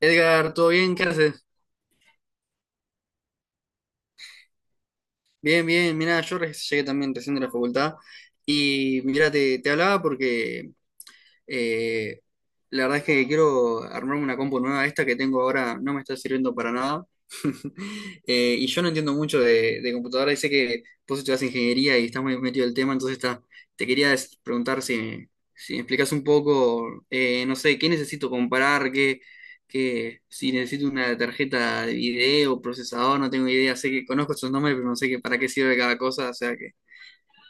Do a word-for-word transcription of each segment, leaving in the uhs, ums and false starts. Edgar, ¿todo bien? ¿Qué haces? Bien, bien. Mira, yo reci- llegué también recién de la facultad y mira, te, te hablaba porque Eh, la verdad es que quiero armarme una compu nueva. Esta que tengo ahora no me está sirviendo para nada. Eh, y yo no entiendo mucho de, de computadora y sé que vos estudias ingeniería y estás muy metido en el tema, entonces está, te quería des- preguntar si, si me explicas un poco, eh, no sé, qué necesito comprar, qué, qué- si necesito una tarjeta de video, procesador, no tengo idea, sé que conozco estos nombres, pero no sé qué, para qué sirve cada cosa, o sea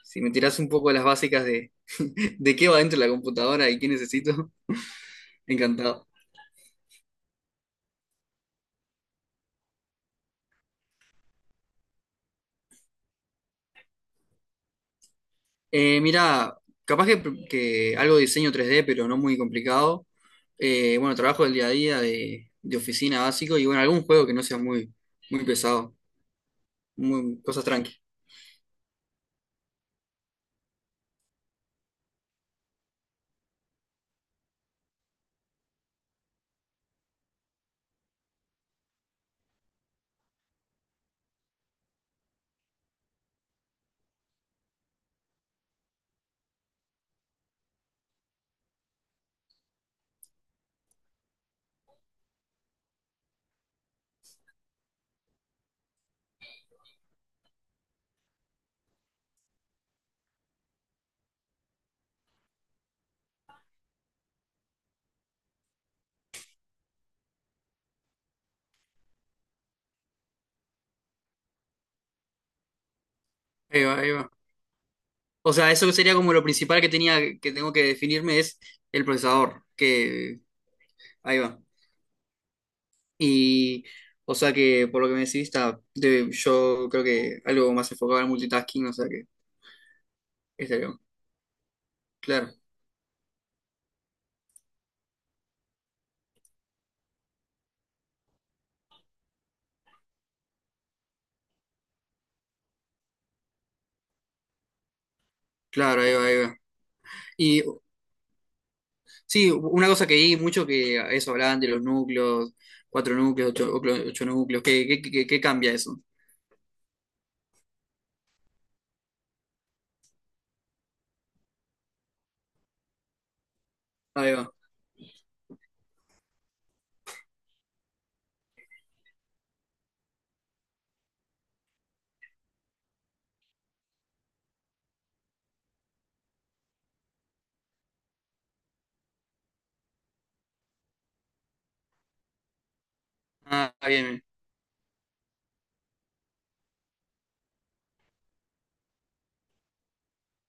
si me tirás un poco las básicas de, de qué va dentro de la computadora y qué necesito, encantado. Eh, mira, capaz que, que algo de diseño tres D, pero no muy complicado. Eh, bueno, trabajo del día a día de, de oficina básico y bueno, algún juego que no sea muy, muy pesado, muy, cosas tranqui. Ahí va, ahí va. O sea, eso sería como lo principal que tenía, que tengo que definirme es el procesador, que ahí va. Y, o sea que, por lo que me decís, está, de- yo creo que algo más enfocado al multitasking, o sea que estaría bueno. Claro, claro, ahí va, ahí va. Y sí, una cosa que vi mucho que eso hablaban de los núcleos, cuatro núcleos, ocho, ocho núcleos, ¿qué, qué, qué- qué cambia eso? Ahí va. Ah, bien, bien,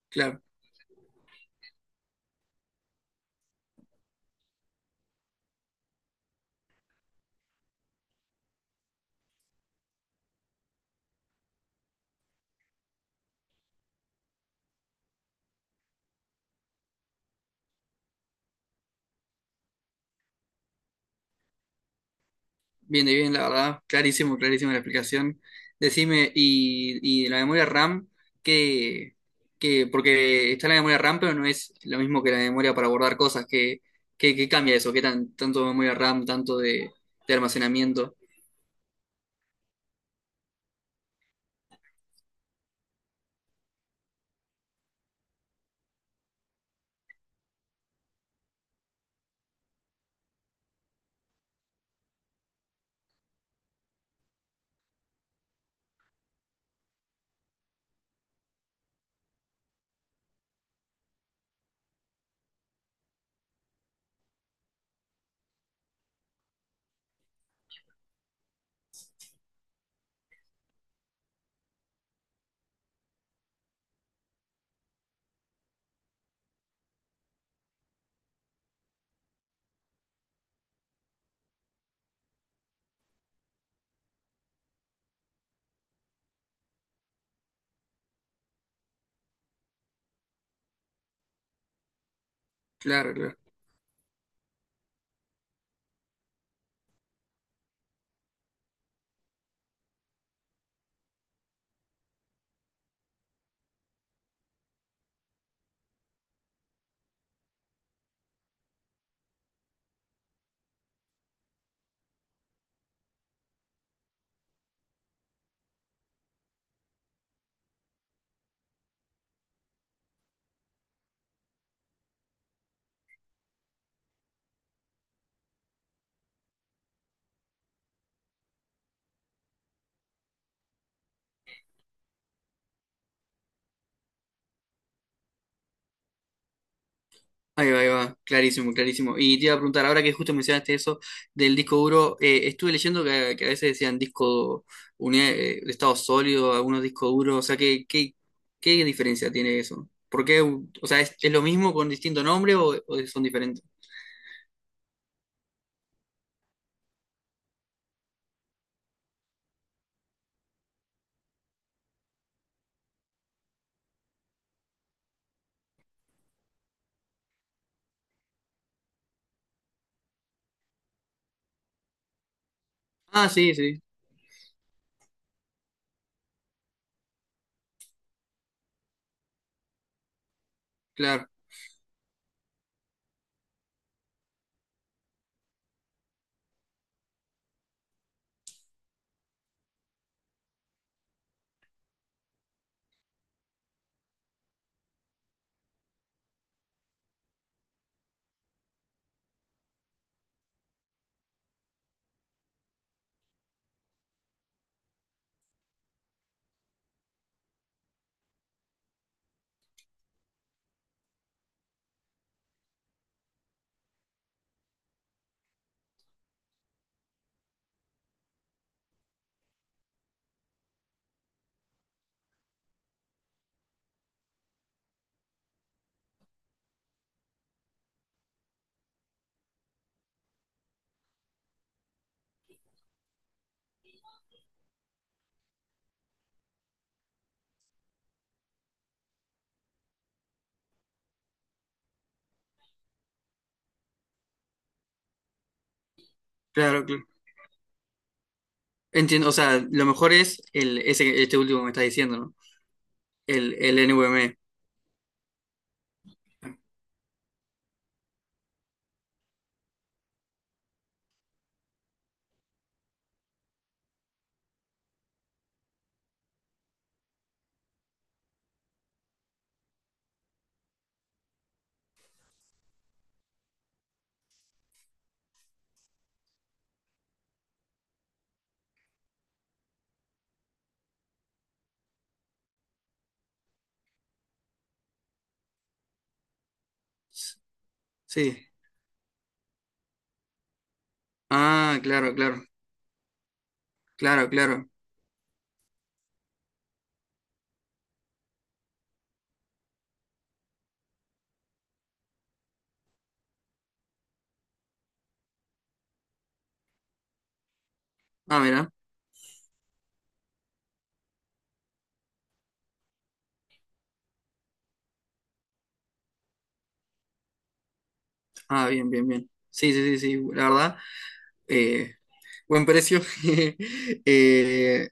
claro. Bien, de bien, la verdad. Clarísimo, clarísimo la explicación. Decime, y, y la memoria RAM, que, que, porque está la memoria RAM, pero no es lo mismo que la memoria para guardar cosas. ¿Qué, qué, qué cambia eso? ¿Qué tan, tanto de memoria RAM, tanto de, de almacenamiento? Claro, claro. Ahí va, ahí va, clarísimo, clarísimo. Y te iba a preguntar, ahora que justo mencionaste eso del disco duro, eh, estuve leyendo que, que a veces decían disco unidad, eh, de estado sólido, algunos discos duros, o sea, ¿qué, qué, qué diferencia tiene eso? ¿Por qué? u- O sea, ¿es, es lo mismo con distinto nombre o, o son diferentes? Ah, sí, sí, claro, claro, claro. Entiendo, o sea, lo mejor es el, ese, este último que me estás diciendo, ¿no? El, el NVMe. Sí. Ah, claro, claro, claro, claro. Ah, mira. Ah, bien, bien, bien. Sí, sí, sí, sí. La verdad, eh, buen precio. Eh,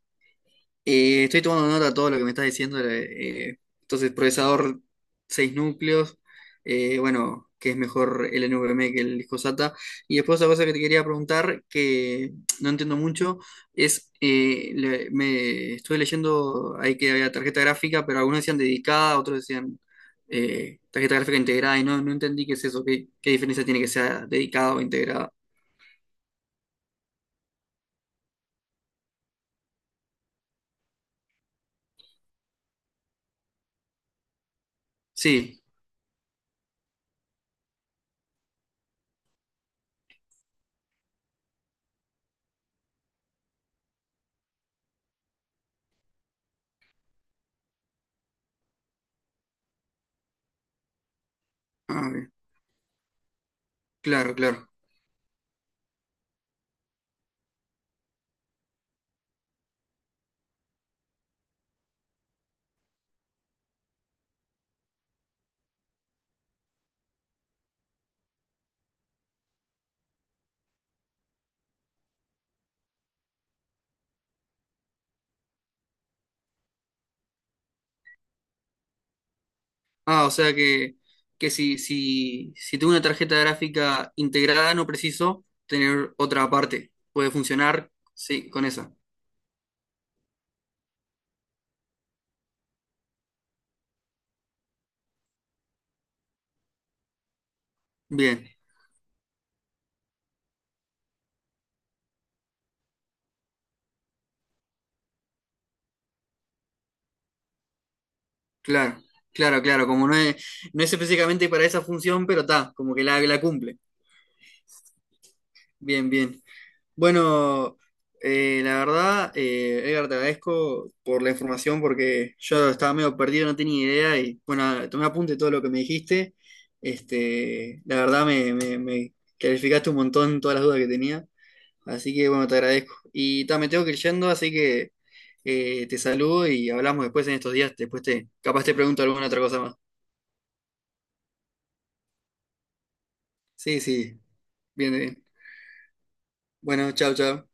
eh, estoy tomando nota de todo lo que me estás diciendo. Eh, entonces, procesador seis núcleos. Eh, bueno, que es mejor el NVMe que el disco SATA. Y después otra cosa que te quería preguntar, que no entiendo mucho, es, eh, le- me estuve leyendo ahí que había tarjeta gráfica, pero algunos decían dedicada, otros decían eh, tarjeta gráfica integrada, y no, no entendí qué es eso, qué, qué diferencia tiene que sea dedicada o integrada. Sí, ah, bien, claro, claro. Ah, o sea que, que si, si, si tengo una tarjeta gráfica integrada, no preciso tener otra aparte. Puede funcionar, sí, con esa. Bien, claro, claro, claro. Como no es, no es específicamente para esa función, pero está, como que la, la cumple. Bien, bien. Bueno, eh, la verdad, eh, Edgar, te agradezco por la información porque yo estaba medio perdido, no tenía idea y bueno, tomé apunte de todo lo que me dijiste. Este, la verdad, me, me, me clarificaste un montón todas las dudas que tenía, así que bueno, te agradezco. Y ta, me tengo que ir yendo, así que eh, te saludo y hablamos después en estos días, después te, capaz te pregunto alguna otra cosa más. Sí, sí, bien, bien. Bueno, chao, chao.